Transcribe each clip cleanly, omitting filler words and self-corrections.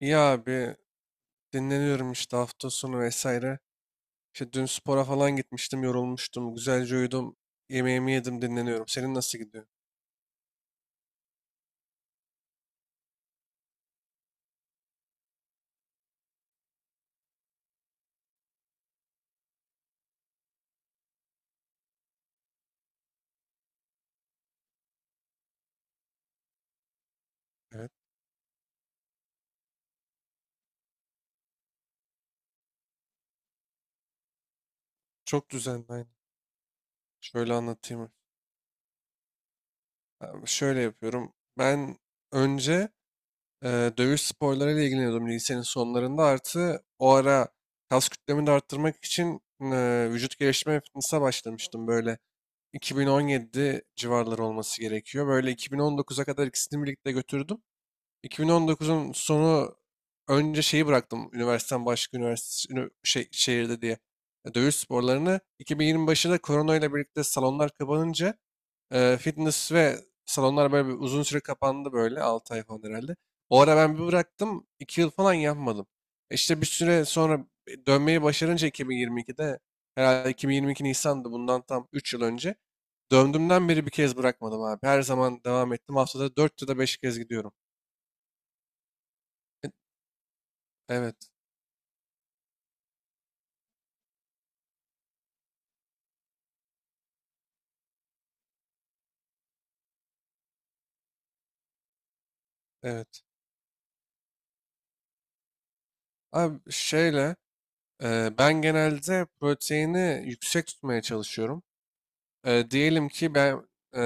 İyi abi dinleniyorum işte hafta sonu vesaire. İşte dün spora falan gitmiştim, yorulmuştum, güzelce uyudum, yemeğimi yedim, dinleniyorum. Senin nasıl gidiyor? Evet, çok düzenli aynı. Şöyle anlatayım. Abi şöyle yapıyorum. Ben önce dövüş sporlarıyla ilgileniyordum lisenin sonlarında. Artı o ara kas kütlemi de arttırmak için vücut geliştirme ve fitness'a başlamıştım. Böyle 2017 civarları olması gerekiyor. Böyle 2019'a kadar ikisini birlikte götürdüm. 2019'un sonu önce şeyi bıraktım üniversiteden başka üniversite şey, şehirde diye dövüş sporlarını. 2020 başında korona ile birlikte salonlar kapanınca fitness ve salonlar böyle bir uzun süre kapandı böyle 6 ay falan herhalde. O ara ben bir bıraktım 2 yıl falan yapmadım. İşte bir süre sonra dönmeyi başarınca 2022'de herhalde 2022 Nisan'dı bundan tam 3 yıl önce. Döndüğümden beri bir kez bırakmadım abi. Her zaman devam ettim. Haftada 4 ya da 5 kez gidiyorum. Evet. Evet. Abi şeyle ben genelde proteini yüksek tutmaya çalışıyorum. Diyelim ki ben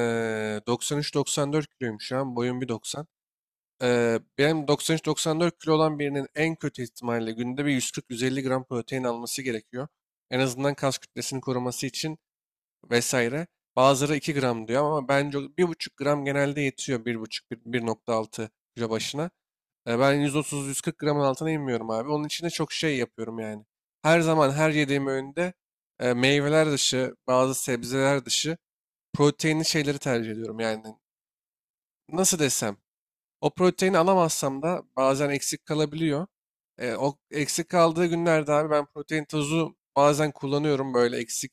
93-94 kiloyum şu an. Boyum 1,90. Benim 93-94 kilo olan birinin en kötü ihtimalle günde bir 140-150 gram protein alması gerekiyor. En azından kas kütlesini koruması için vesaire. Bazıları 2 gram diyor ama bence o bir buçuk gram genelde yetiyor bir buçuk bir 16 kilo başına. Ben 130-140 gramın altına inmiyorum abi. Onun için de çok şey yapıyorum yani. Her zaman her yediğim öğünde meyveler dışı, bazı sebzeler dışı proteinli şeyleri tercih ediyorum. Yani nasıl desem o proteini alamazsam da bazen eksik kalabiliyor. O eksik kaldığı günlerde abi ben protein tozu bazen kullanıyorum böyle eksik.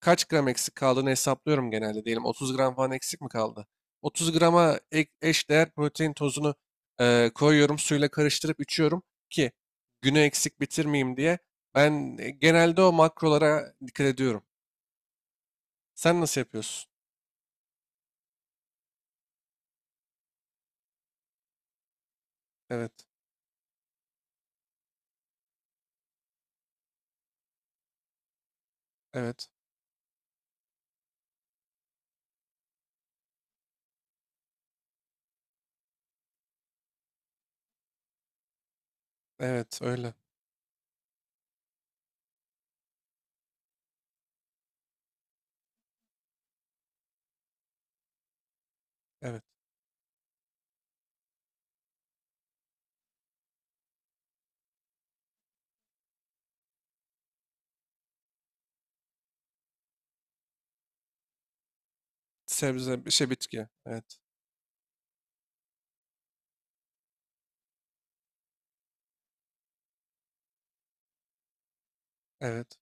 Kaç gram eksik kaldığını hesaplıyorum genelde. Diyelim 30 gram falan eksik mi kaldı? 30 grama eş değer protein tozunu koyuyorum. Suyla karıştırıp içiyorum ki günü eksik bitirmeyeyim diye. Ben genelde o makrolara dikkat ediyorum. Sen nasıl yapıyorsun? Evet, evet, evet öyle. Evet. Sebze, bir şey bitki. Evet, evet.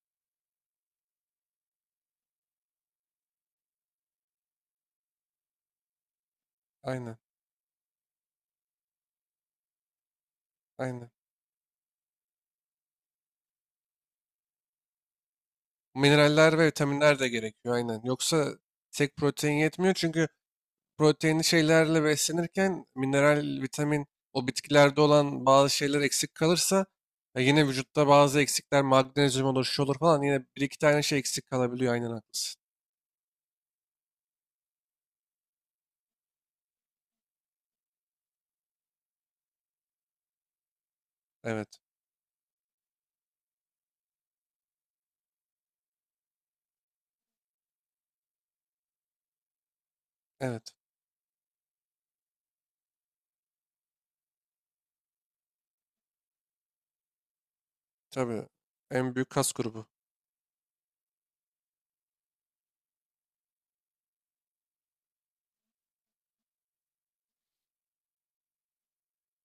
Aynen, aynen. Mineraller ve vitaminler de gerekiyor, aynen. Yoksa tek protein yetmiyor çünkü proteinli şeylerle beslenirken mineral, vitamin, o bitkilerde olan bazı şeyler eksik kalırsa yine vücutta bazı eksikler, magnezyum olur, şu olur falan yine bir iki tane şey eksik kalabiliyor, aynen haklısın. Evet, evet. Tabii en büyük kas grubu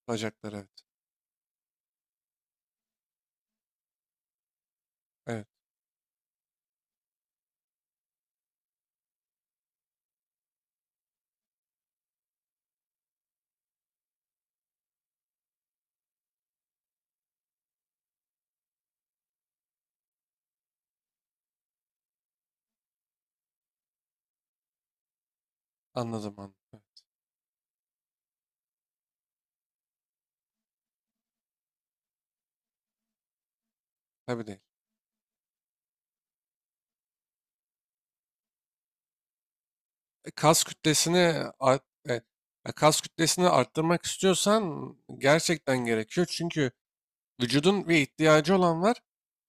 bacaklar, evet. Evet, anladım anladım. Evet, tabii de E, kas kütlesini art- e, kas kütlesini arttırmak istiyorsan gerçekten gerekiyor. Çünkü vücudun bir ihtiyacı olan var.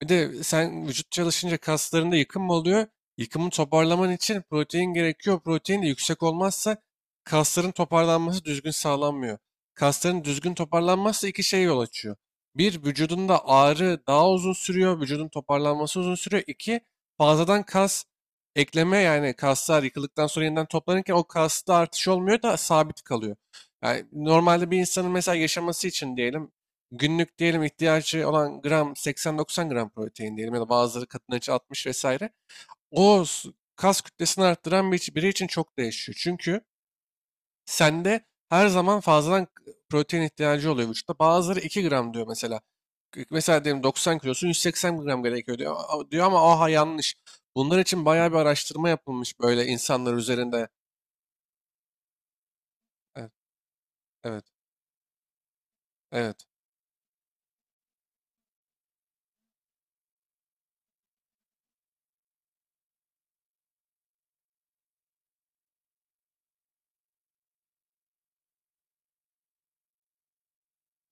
Bir de sen vücut çalışınca kaslarında yıkım oluyor. Yıkımı toparlaman için protein gerekiyor. Protein de yüksek olmazsa kasların toparlanması düzgün sağlanmıyor. Kasların düzgün toparlanmazsa iki şey yol açıyor. Bir, vücudunda ağrı daha uzun sürüyor. Vücudun toparlanması uzun sürüyor. İki, fazladan kas ekleme yani kaslar yıkıldıktan sonra yeniden toplanırken o kasta artış olmuyor da sabit kalıyor. Yani normalde bir insanın mesela yaşaması için diyelim günlük diyelim ihtiyacı olan gram 80-90 gram protein diyelim ya da bazıları kadınlar için 60 vesaire. O s- Kas kütlesini arttıran biri için çok değişiyor. Çünkü sende her zaman fazladan protein ihtiyacı oluyor vücutta. Bazıları 2 gram diyor mesela. Mesela diyelim 90 kilosun 180 gram gerekiyor diyor, diyor ama aha yanlış. Bunlar için bayağı bir araştırma yapılmış böyle insanlar üzerinde. Evet, evet, evet,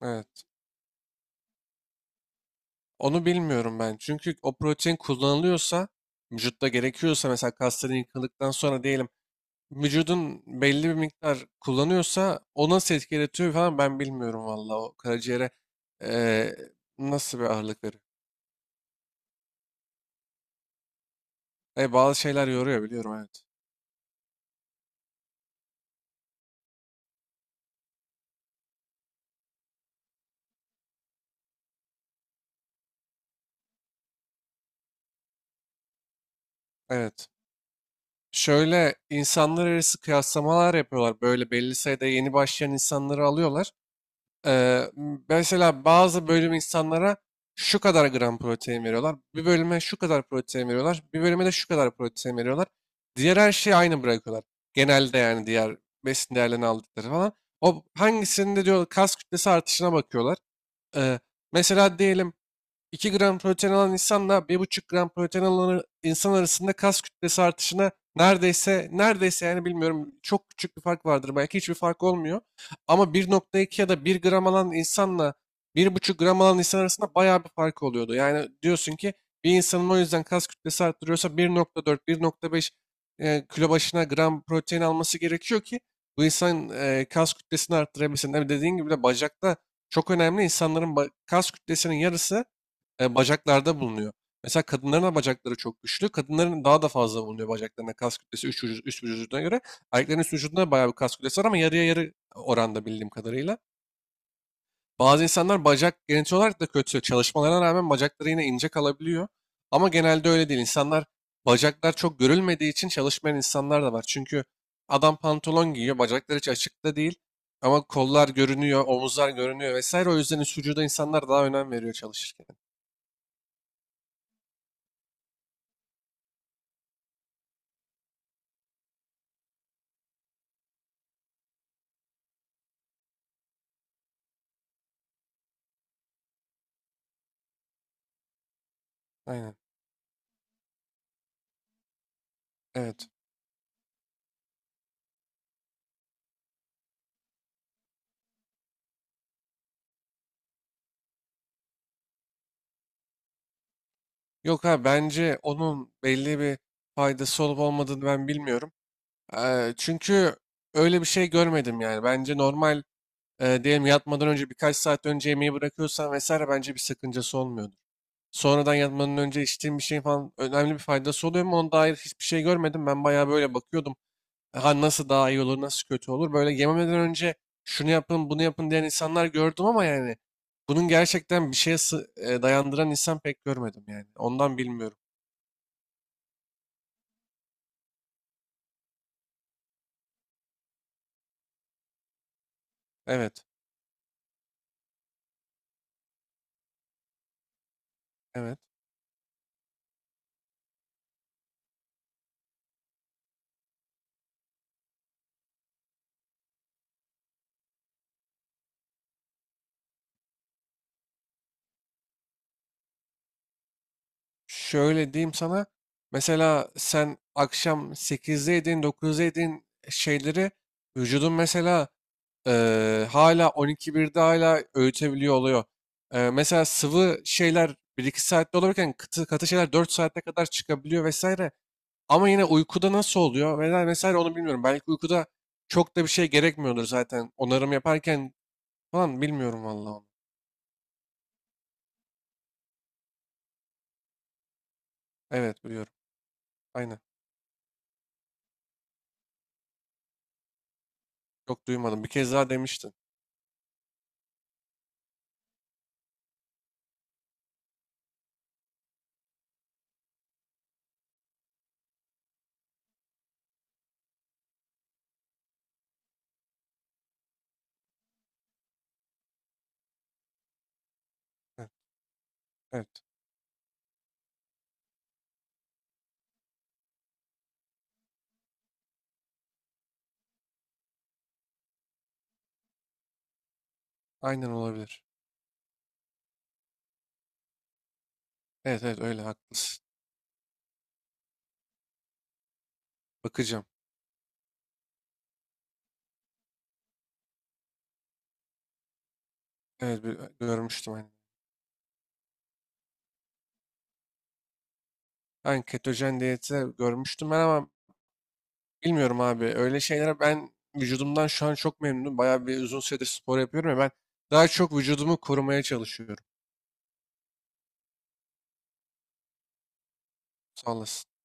evet. Onu bilmiyorum ben. Çünkü o protein kullanılıyorsa, vücutta gerekiyorsa mesela kasların yıkıldıktan sonra diyelim vücudun belli bir miktar kullanıyorsa o nasıl etki yaratıyor falan ben bilmiyorum valla. O karaciğere eee, nasıl bir ağırlık veriyor. Bazı şeyler yoruyor biliyorum evet. Evet. Şöyle insanlar arası kıyaslamalar yapıyorlar. Böyle belli sayıda yeni başlayan insanları alıyorlar. Ee, Mesela bazı bölüm insanlara şu kadar gram protein veriyorlar. Bir bölüme şu kadar protein veriyorlar. Bir bölüme de şu kadar protein veriyorlar. Diğer her şeyi aynı bırakıyorlar. Genelde yani diğer besin değerlerini aldıkları falan. O hangisinde diyor kas kütlesi artışına bakıyorlar. Ee, Mesela diyelim 2 gram protein alan insanla bir buçuk gram protein alan insan arasında kas kütlesi artışına neredeyse neredeyse yani bilmiyorum çok küçük bir fark vardır belki hiçbir fark olmuyor. Ama 1,2 ya da bir gram alan insanla bir buçuk gram alan insan arasında bayağı bir fark oluyordu. Yani diyorsun ki bir insanın o yüzden kas kütlesi arttırıyorsa 1,4 1,5 kilo başına gram protein alması gerekiyor ki bu insan kas kütlesini arttırabilsin. Tabii dediğin gibi de bacakta çok önemli. İnsanların kas kütlesinin yarısı bacaklarda bulunuyor. Mesela kadınların da bacakları çok güçlü. Kadınların daha da fazla bulunuyor bacaklarına kas kütlesi üst vücuduna göre. Erkeklerin üst vücudunda bayağı bir kas kütlesi var ama yarıya yarı oranda bildiğim kadarıyla. Bazı insanlar bacak genetik olarak da kötü. Çalışmalarına rağmen bacakları yine ince kalabiliyor. Ama genelde öyle değil. İnsanlar bacaklar çok görülmediği için çalışmayan insanlar da var. Çünkü adam pantolon giyiyor, bacakları hiç açıkta değil. Ama kollar görünüyor, omuzlar görünüyor vesaire. O yüzden üst vücuda insanlar daha önem veriyor çalışırken. Aynen. Evet. Yok abi bence onun belli bir faydası olup olmadığını ben bilmiyorum. Çünkü öyle bir şey görmedim yani. Bence normal diyelim yatmadan önce birkaç saat önce yemeği bırakıyorsan vesaire bence bir sakıncası olmuyordur. Sonradan yatmadan önce içtiğim bir şeyin falan önemli bir faydası oluyor mu? Ona dair hiçbir şey görmedim. Ben bayağı böyle bakıyordum. Ha nasıl daha iyi olur, nasıl kötü olur? Böyle yememeden önce şunu yapın, bunu yapın diyen insanlar gördüm ama yani bunun gerçekten bir şeye dayandıran insan pek görmedim yani. Ondan bilmiyorum. Evet, evet. Şöyle diyeyim sana. Mesela sen akşam sekizde yediğin, dokuzda yediğin şeyleri vücudun mesela hala on iki birde hala öğütebiliyor oluyor. Mesela sıvı şeyler bir iki saatte olurken katı, katı şeyler 4 saate kadar çıkabiliyor vesaire. Ama yine uykuda nasıl oluyor? Mesela, mesela onu bilmiyorum. Belki uykuda çok da bir şey gerekmiyordur zaten. Onarım yaparken falan bilmiyorum vallahi onu. Evet biliyorum. Aynen. Çok duymadım. Bir kez daha demiştin. Evet. Evet. Aynen olabilir. Evet evet öyle haklısın. Bakacağım. Evet görmüştüm hani. Ben ketojen diyeti görmüştüm ben ama bilmiyorum abi. Öyle şeylere ben vücudumdan şu an çok memnunum. Bayağı bir uzun süredir spor yapıyorum ya ben daha çok vücudumu korumaya çalışıyorum. Sağ olasın.